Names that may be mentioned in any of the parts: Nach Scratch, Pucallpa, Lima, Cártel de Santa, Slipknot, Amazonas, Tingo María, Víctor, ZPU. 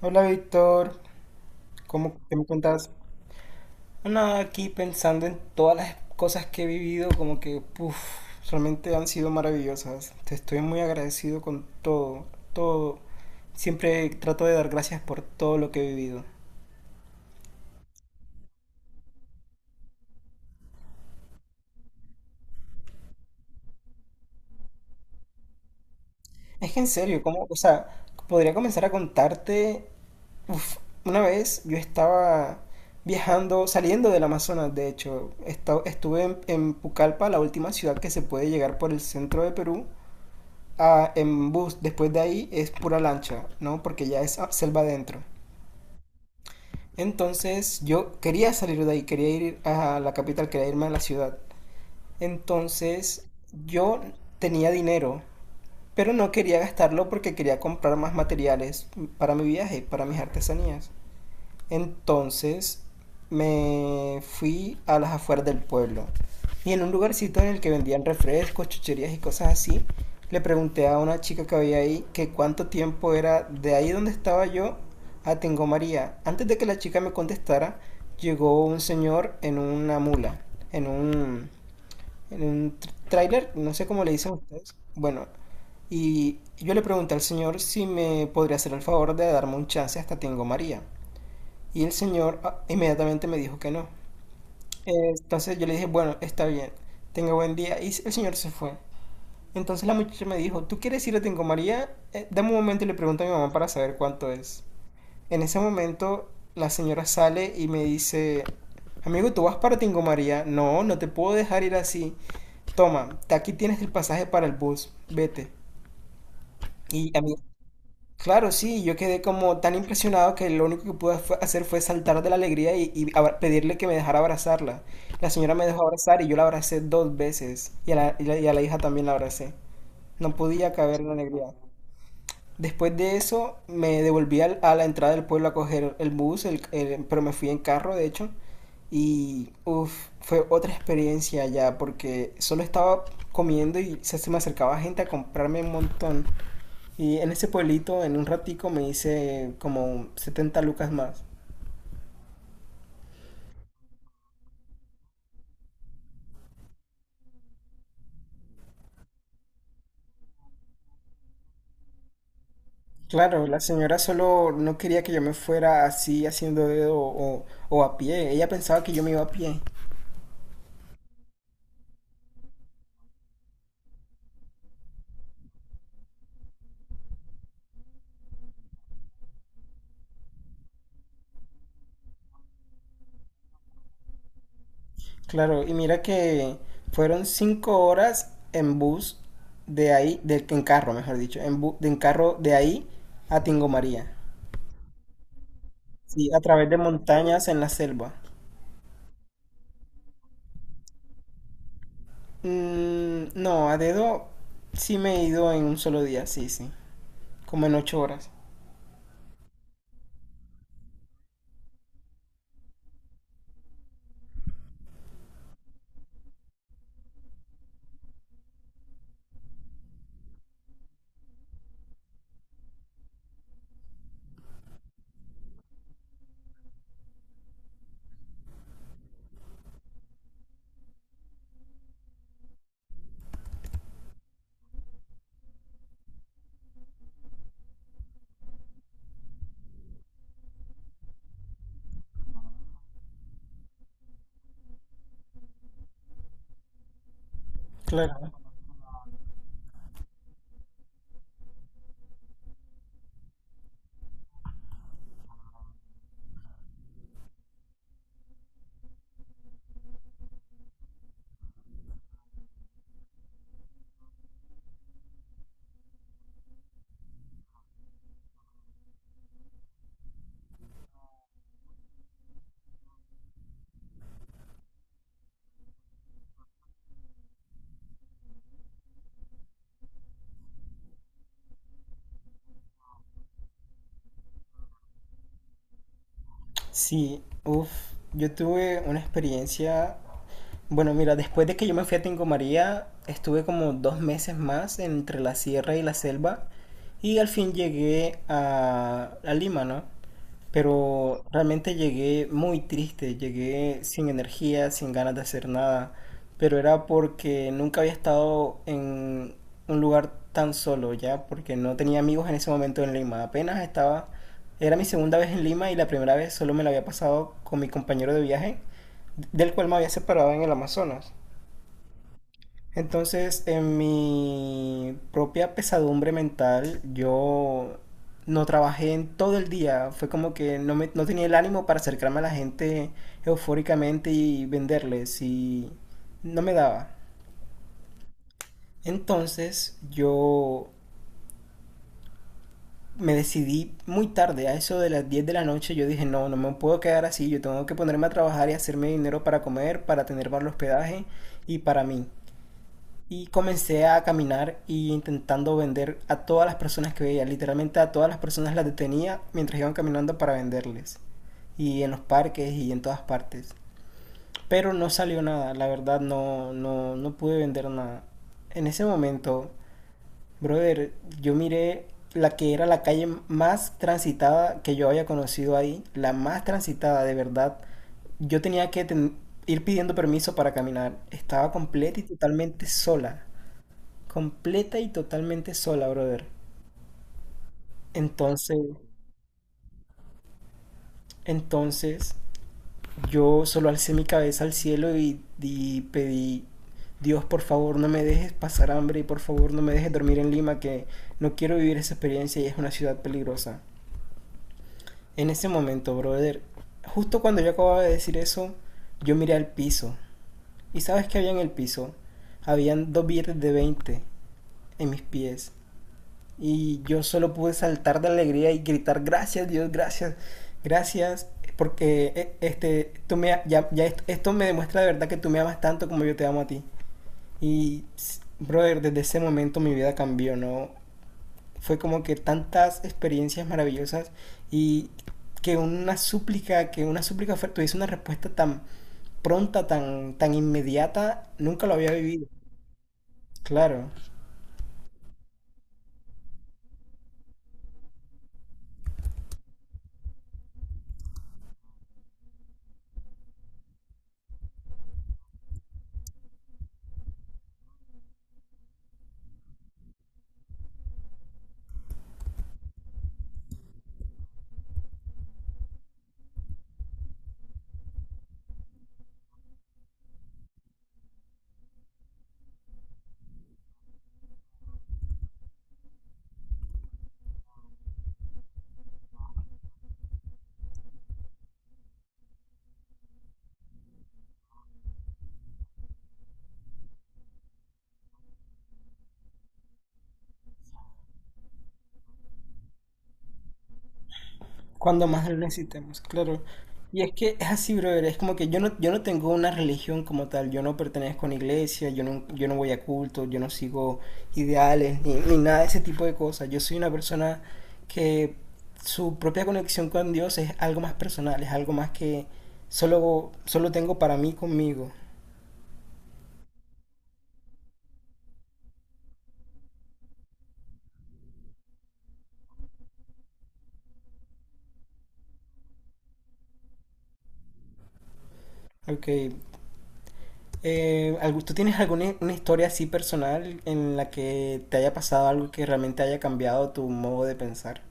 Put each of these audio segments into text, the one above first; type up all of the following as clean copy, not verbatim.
Hola Víctor, ¿cómo qué me cuentas? Nada, aquí pensando en todas las cosas que he vivido, como que, realmente han sido maravillosas. Te estoy muy agradecido con todo, todo. Siempre trato de dar gracias por todo lo que he vivido. Es que en serio, ¿cómo? O sea, podría comenzar a contarte, uf, una vez yo estaba viajando, saliendo del Amazonas, de hecho, estuve en Pucallpa, la última ciudad que se puede llegar por el centro de Perú. En bus después de ahí es pura lancha, ¿no? Porque ya es selva adentro. Entonces yo quería salir de ahí, quería ir a la capital, quería irme a la ciudad. Entonces yo tenía dinero, pero no quería gastarlo porque quería comprar más materiales para mi viaje, para mis artesanías. Entonces me fui a las afueras del pueblo y en un lugarcito en el que vendían refrescos, chucherías y cosas así, le pregunté a una chica que había ahí que cuánto tiempo era de ahí donde estaba yo a Tengo María. Antes de que la chica me contestara, llegó un señor en una mula, en un, en un tráiler, no sé cómo le dicen ustedes. Bueno, y yo le pregunté al señor si me podría hacer el favor de darme un chance hasta Tengo María. Y el señor inmediatamente me dijo que no. Eh, Entonces yo le dije, bueno, está bien, tenga buen día. Y el señor se fue. Entonces la muchacha me dijo, ¿tú quieres ir a Tingo María? Dame un momento y le pregunto a mi mamá para saber cuánto es. En ese momento la señora sale y me dice, amigo, ¿tú vas para Tingo María? No, no te puedo dejar ir así. Toma, aquí tienes el pasaje para el bus, vete. Y a mí Claro, sí, yo quedé como tan impresionado que lo único que pude hacer fue saltar de la alegría y pedirle que me dejara abrazarla. La señora me dejó abrazar y yo la abracé dos veces y a la hija también la abracé. No podía caber la alegría. Después de eso me devolví a la entrada del pueblo a coger el bus, pero me fui en carro de hecho y fue otra experiencia ya porque solo estaba comiendo y se me acercaba gente a comprarme un montón. Y en ese pueblito, en un ratico, me hice como 70 lucas más. Claro, la señora solo no quería que yo me fuera así haciendo dedo o a pie. Ella pensaba que yo me iba a pie. Claro, y mira que fueron 5 horas en bus de ahí, en carro, mejor dicho, en carro de ahí a Tingo María. Sí, a través de montañas en la selva. Mm, no, a dedo sí me he ido en un solo día, sí, sí. Como en 8 horas. Claro. Sí, yo tuve una experiencia, bueno, mira, después de que yo me fui a Tingo María, estuve como 2 meses más entre la sierra y la selva y al fin llegué a Lima, ¿no? Pero realmente llegué muy triste, llegué sin energía, sin ganas de hacer nada, pero era porque nunca había estado en un lugar tan solo ya, porque no tenía amigos en ese momento en Lima, apenas estaba, era mi segunda vez en Lima y la primera vez solo me la había pasado con mi compañero de viaje, del cual me había separado en el Amazonas. Entonces, en mi propia pesadumbre mental, yo no trabajé en todo el día. Fue como que no tenía el ánimo para acercarme a la gente eufóricamente y venderles y no me daba. Entonces, yo me decidí muy tarde, a eso de las 10 de la noche, yo dije, no, no me puedo quedar así, yo tengo que ponerme a trabajar y hacerme dinero para comer, para tener para el hospedaje y para mí. Y comencé a caminar y intentando vender a todas las personas que veía. Literalmente a todas las personas las detenía mientras iban caminando para venderles. Y en los parques y en todas partes. Pero no salió nada, la verdad no, no, no pude vender nada. En ese momento, brother, yo miré la que era la calle más transitada que yo había conocido ahí. La más transitada, de verdad. Yo tenía que ir pidiendo permiso para caminar. Estaba completa y totalmente sola. Completa y totalmente sola, brother. Entonces, entonces, yo solo alcé mi cabeza al cielo y pedí, Dios, por favor, no me dejes pasar hambre y por favor, no me dejes dormir en Lima, que no quiero vivir esa experiencia y es una ciudad peligrosa. En ese momento, brother, justo cuando yo acababa de decir eso, yo miré al piso. ¿Y sabes qué había en el piso? Habían dos billetes de 20 en mis pies. Y yo solo pude saltar de alegría y gritar, gracias Dios, gracias, gracias, porque este, ya esto me demuestra de verdad que tú me amas tanto como yo te amo a ti. Y, brother, desde ese momento mi vida cambió, ¿no? Fue como que tantas experiencias maravillosas y que una súplica tuviese una respuesta tan pronta, tan, tan inmediata, nunca lo había vivido. Claro. Cuando más lo necesitemos, claro. Y es que es así, brother, es como que yo no tengo una religión como tal, yo no pertenezco a una iglesia, yo no voy a culto, yo no sigo ideales, ni, ni nada de ese tipo de cosas. Yo soy una persona que su propia conexión con Dios es algo más personal, es algo más que solo tengo para mí conmigo. Ok. ¿Tú tienes alguna una historia así personal en la que te haya pasado algo que realmente haya cambiado tu modo de pensar?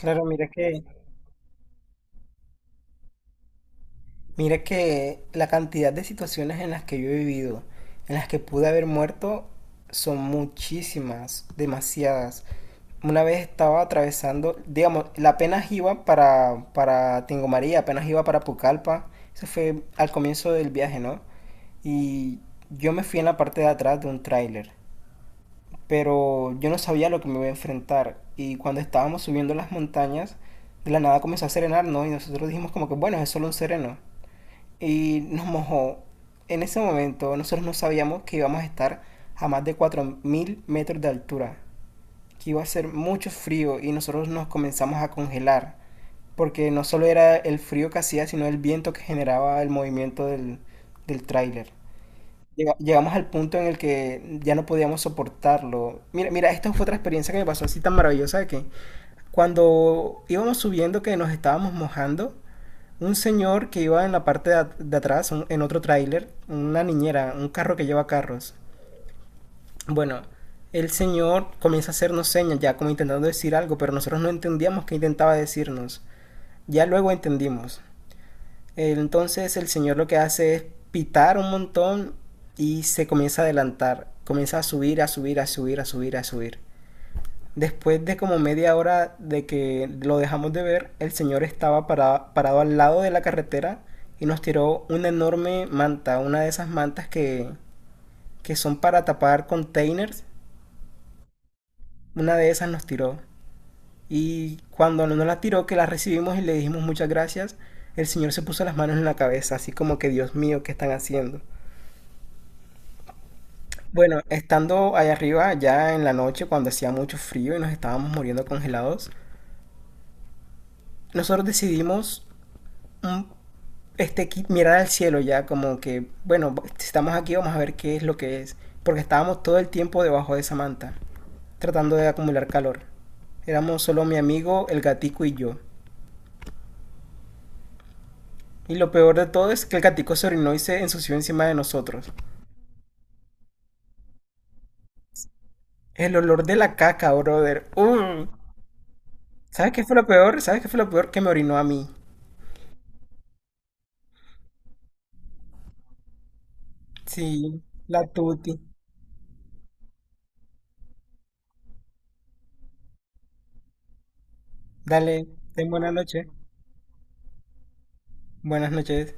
Claro, mira que la cantidad de situaciones en las que yo he vivido, en las que pude haber muerto, son muchísimas, demasiadas. Una vez estaba atravesando, digamos, la apenas iba para Tingo María, apenas iba para Pucallpa. Eso fue al comienzo del viaje, ¿no? Y yo me fui en la parte de atrás de un tráiler, pero yo no sabía lo que me iba a enfrentar. Y cuando estábamos subiendo las montañas, de la nada comenzó a serenar, ¿no? Y nosotros dijimos como que, bueno, es solo un sereno y nos mojó. En ese momento nosotros no sabíamos que íbamos a estar a más de 4.000 metros de altura, que iba a ser mucho frío y nosotros nos comenzamos a congelar, porque no solo era el frío que hacía, sino el viento que generaba el movimiento del tráiler. Llegamos al punto en el que ya no podíamos soportarlo. Mira, mira, esta fue otra experiencia que me pasó así tan maravillosa de que cuando íbamos subiendo que nos estábamos mojando, un señor que iba en la parte de atrás, en otro tráiler, una niñera, un carro que lleva carros. Bueno, el señor comienza a hacernos señas, ya como intentando decir algo, pero nosotros no entendíamos qué intentaba decirnos. Ya luego entendimos. Entonces el señor lo que hace es pitar un montón y se comienza a adelantar, comienza a subir, a subir, a subir, a subir, a subir. Después de como media hora de que lo dejamos de ver, el señor estaba parado al lado de la carretera y nos tiró una enorme manta, una de esas mantas que son para tapar containers. Una de esas nos tiró. Y cuando nos la tiró, que la recibimos y le dijimos muchas gracias, el señor se puso las manos en la cabeza, así como que Dios mío, ¿qué están haciendo? Bueno, estando allá arriba, ya en la noche, cuando hacía mucho frío y nos estábamos muriendo congelados, nosotros decidimos un mirar al cielo ya, como que, bueno, estamos aquí, vamos a ver qué es lo que es. Porque estábamos todo el tiempo debajo de esa manta, tratando de acumular calor. Éramos solo mi amigo, el gatico y yo. Y lo peor de todo es que el gatico se orinó y se ensució encima de nosotros. El olor de la caca, brother. ¡Uh! ¿Sabes qué fue lo peor? ¿Sabes qué fue lo peor? Que me orinó a mí. Sí, la tuti. Dale, ten buena noche. Buenas noches.